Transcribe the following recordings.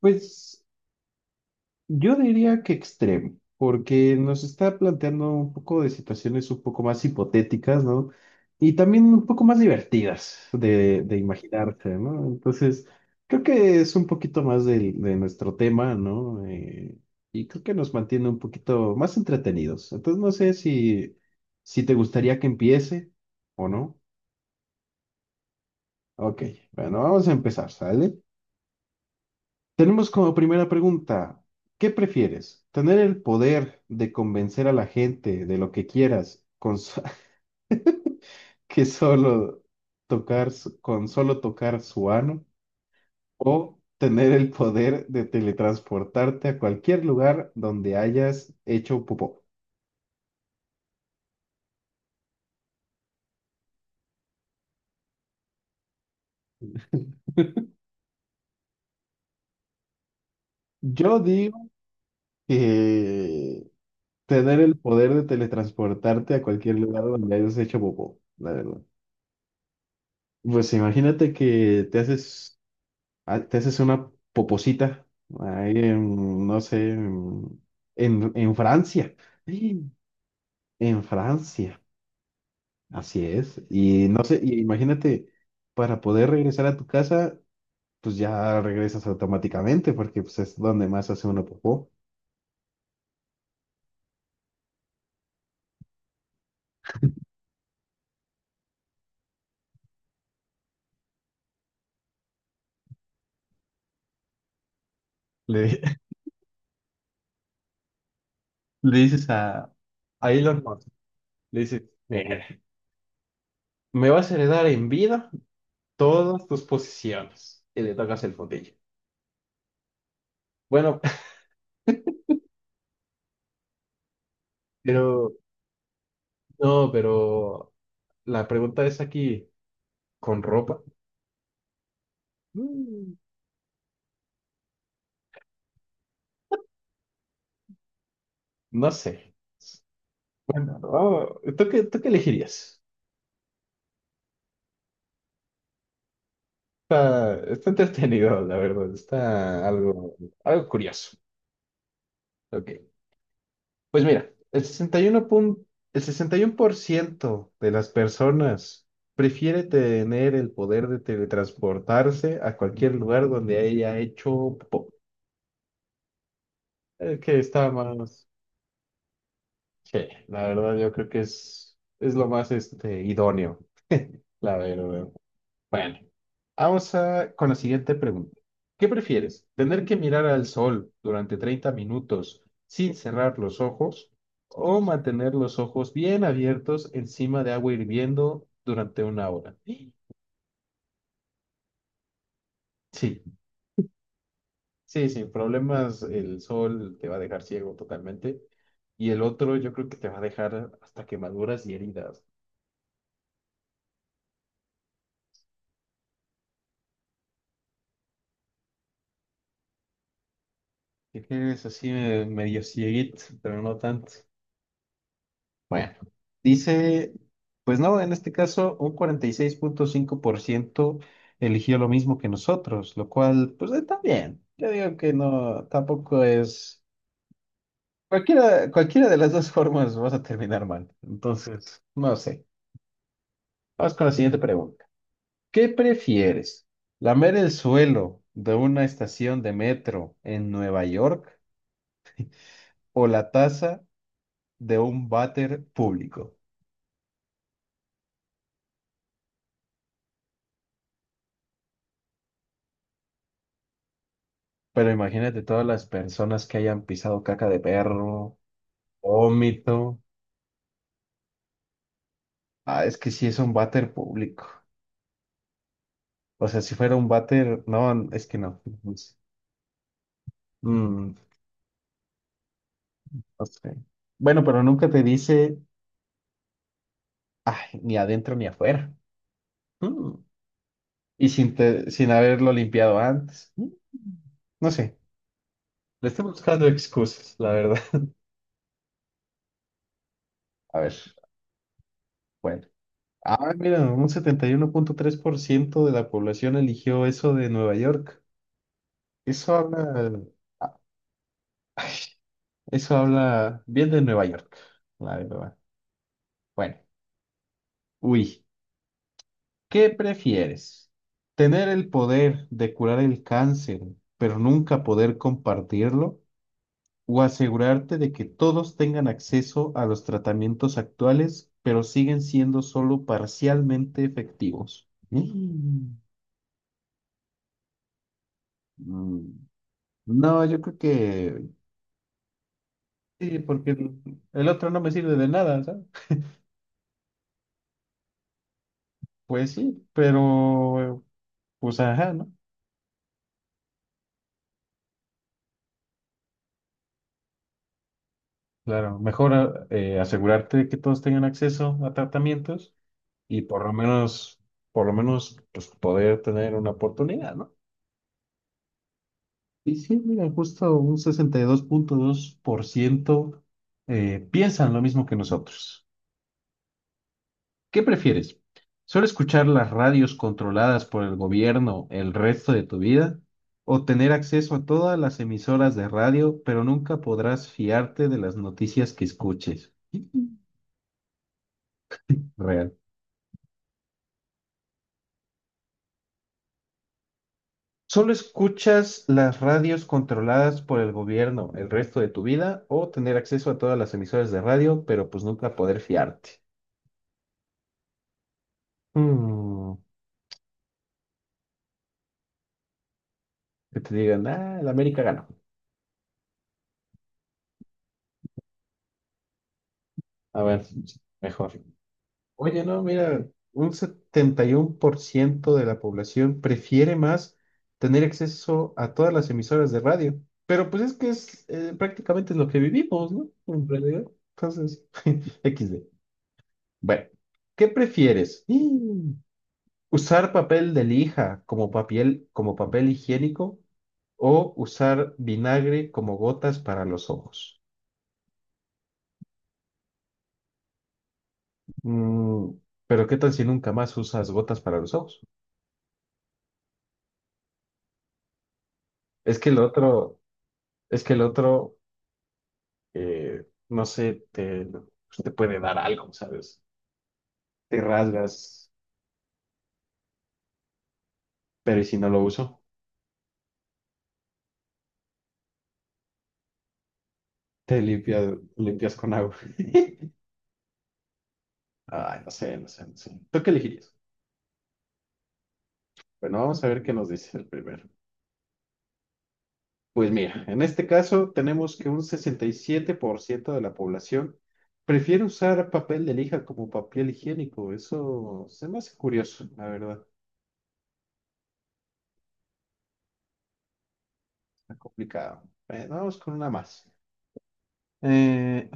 Pues yo diría que extremo, porque nos está planteando un poco de situaciones un poco más hipotéticas, ¿no? Y también un poco más divertidas de imaginarse, ¿no? Entonces, creo que es un poquito más de nuestro tema, ¿no? Y creo que nos mantiene un poquito más entretenidos. Entonces, no sé si te gustaría que empiece o no. Ok, bueno, vamos a empezar, ¿sale? Tenemos como primera pregunta, ¿qué prefieres? ¿Tener el poder de convencer a la gente de lo que quieras que solo tocar su- con solo tocar su ano, o tener el poder de teletransportarte a cualquier lugar donde hayas hecho popó? Yo digo que tener el poder de teletransportarte a cualquier lugar donde hayas hecho popó, la verdad. Pues imagínate que te haces. Ah, te haces una poposita ahí en, no sé, en, en Francia. ¡Ay! En Francia, así es. Y no sé, y imagínate, para poder regresar a tu casa, pues ya regresas automáticamente, porque pues, es donde más hace uno popó. Le, Le dices a Elon Musk, le dices, "Mira, me vas a heredar en vida todas tus posesiones." Y le tocas el fundillo. Bueno, pero, no, pero la pregunta es aquí. ¿Con ropa? Mm, No sé. Oh, ¿tú qué elegirías? Está, está entretenido, la verdad. Está algo, algo curioso. Ok. Pues mira, el 61% de las personas prefiere tener el poder de teletransportarse a cualquier lugar donde haya hecho popó. Es que está más... Sí, la verdad yo creo que es lo más, este, idóneo, la verdad. Bueno. Vamos a, con la siguiente pregunta. ¿Qué prefieres? ¿Tener que mirar al sol durante 30 minutos sin cerrar los ojos, o mantener los ojos bien abiertos encima de agua hirviendo durante una hora? Sí, sí, sin problemas. El sol te va a dejar ciego totalmente y el otro yo creo que te va a dejar hasta quemaduras y heridas. Te quedas así, medio cieguito, pero no tanto. Bueno, dice, pues no, en este caso un 46.5% eligió lo mismo que nosotros, lo cual, pues está bien. Yo digo que no, tampoco es... Cualquiera, cualquiera de las dos formas vas a terminar mal. Entonces, no sé. Vamos con la siguiente pregunta. ¿Qué prefieres? ¿Lamer el suelo de una estación de metro en Nueva York, o la taza de un váter público? Pero imagínate todas las personas que hayan pisado caca de perro, vómito. Ah, es que sí es un váter público. O sea, si fuera un váter, no, es que no. No sé. Mm, no sé. Bueno, pero nunca te dice, ay, ni adentro ni afuera. Mm. Y sin, sin haberlo limpiado antes. Mm. No sé. Le estoy buscando excusas, la verdad. A ver, bueno. Ah, mira, un 71.3% de la población eligió eso de Nueva York. Eso habla. Eso habla bien de Nueva York, la verdad. Bueno, uy, ¿qué prefieres? ¿Tener el poder de curar el cáncer, pero nunca poder compartirlo? ¿O asegurarte de que todos tengan acceso a los tratamientos actuales, pero siguen siendo solo parcialmente efectivos? Mm, No, yo creo que sí, porque el otro no me sirve de nada, ¿sabes? Pues sí, pero, pues ajá, ¿no? Claro, mejor asegurarte de que todos tengan acceso a tratamientos y por lo menos, pues poder tener una oportunidad, ¿no? Y sí, mira, justo un 62.2% piensan lo mismo que nosotros. ¿Qué prefieres? ¿Solo escuchar las radios controladas por el gobierno el resto de tu vida? ¿O tener acceso a todas las emisoras de radio, pero nunca podrás fiarte de las noticias que escuches? Realmente, ¿solo escuchas las radios controladas por el gobierno el resto de tu vida o tener acceso a todas las emisoras de radio, pero pues nunca poder fiarte? Mm, que te digan, ah, la América ganó. A ver, mejor. Oye, no, mira, un 71% de la población prefiere más tener acceso a todas las emisoras de radio, pero pues es que es, prácticamente es lo que vivimos, ¿no? En realidad. Entonces, XD. Bueno, ¿qué prefieres? Mm. ¿Usar papel de lija como papel higiénico, o usar vinagre como gotas para los ojos? Mm, pero ¿qué tal si nunca más usas gotas para los ojos? Es que el otro, es que el otro, no sé, te puede dar algo, ¿sabes? Te rasgas, pero ¿y si no lo uso? Te limpias, con agua. Ay, no sé, no sé, no sé. ¿Tú qué elegirías? Bueno, vamos a ver qué nos dice el primero. Pues mira, en este caso tenemos que un 67% de la población prefiere usar papel de lija como papel higiénico. Eso se me hace curioso, la verdad. Está complicado. Vamos con una más. Eh,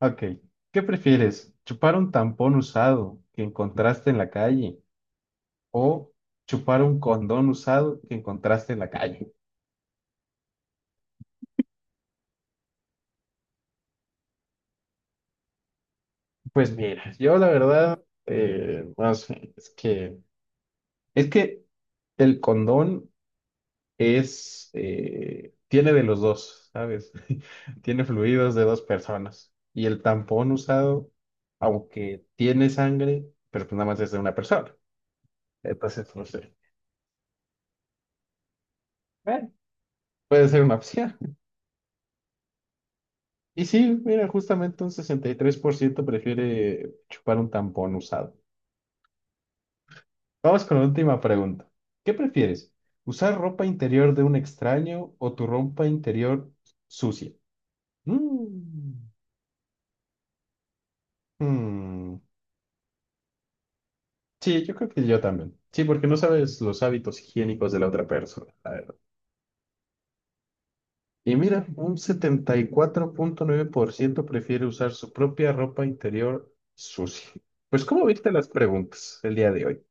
ok, ¿qué prefieres? ¿Chupar un tampón usado que encontraste en la calle, o chupar un condón usado que encontraste en la calle? Pues mira, yo la verdad, no sé, es que... Es que el condón es, tiene de los dos, ¿sabes? Tiene fluidos de dos personas. Y el tampón usado, aunque tiene sangre, pero pues nada más es de una persona. Entonces, no sé. Bueno, puede ser una opción. Y sí, mira, justamente un 63% prefiere chupar un tampón usado. Vamos con la última pregunta. ¿Qué prefieres? ¿Usar ropa interior de un extraño o tu ropa interior sucia? Mm. Mm. Sí, yo creo que yo también. Sí, porque no sabes los hábitos higiénicos de la otra persona, la verdad. Y mira, un 74.9% prefiere usar su propia ropa interior sucia. Pues, ¿cómo viste las preguntas el día de hoy?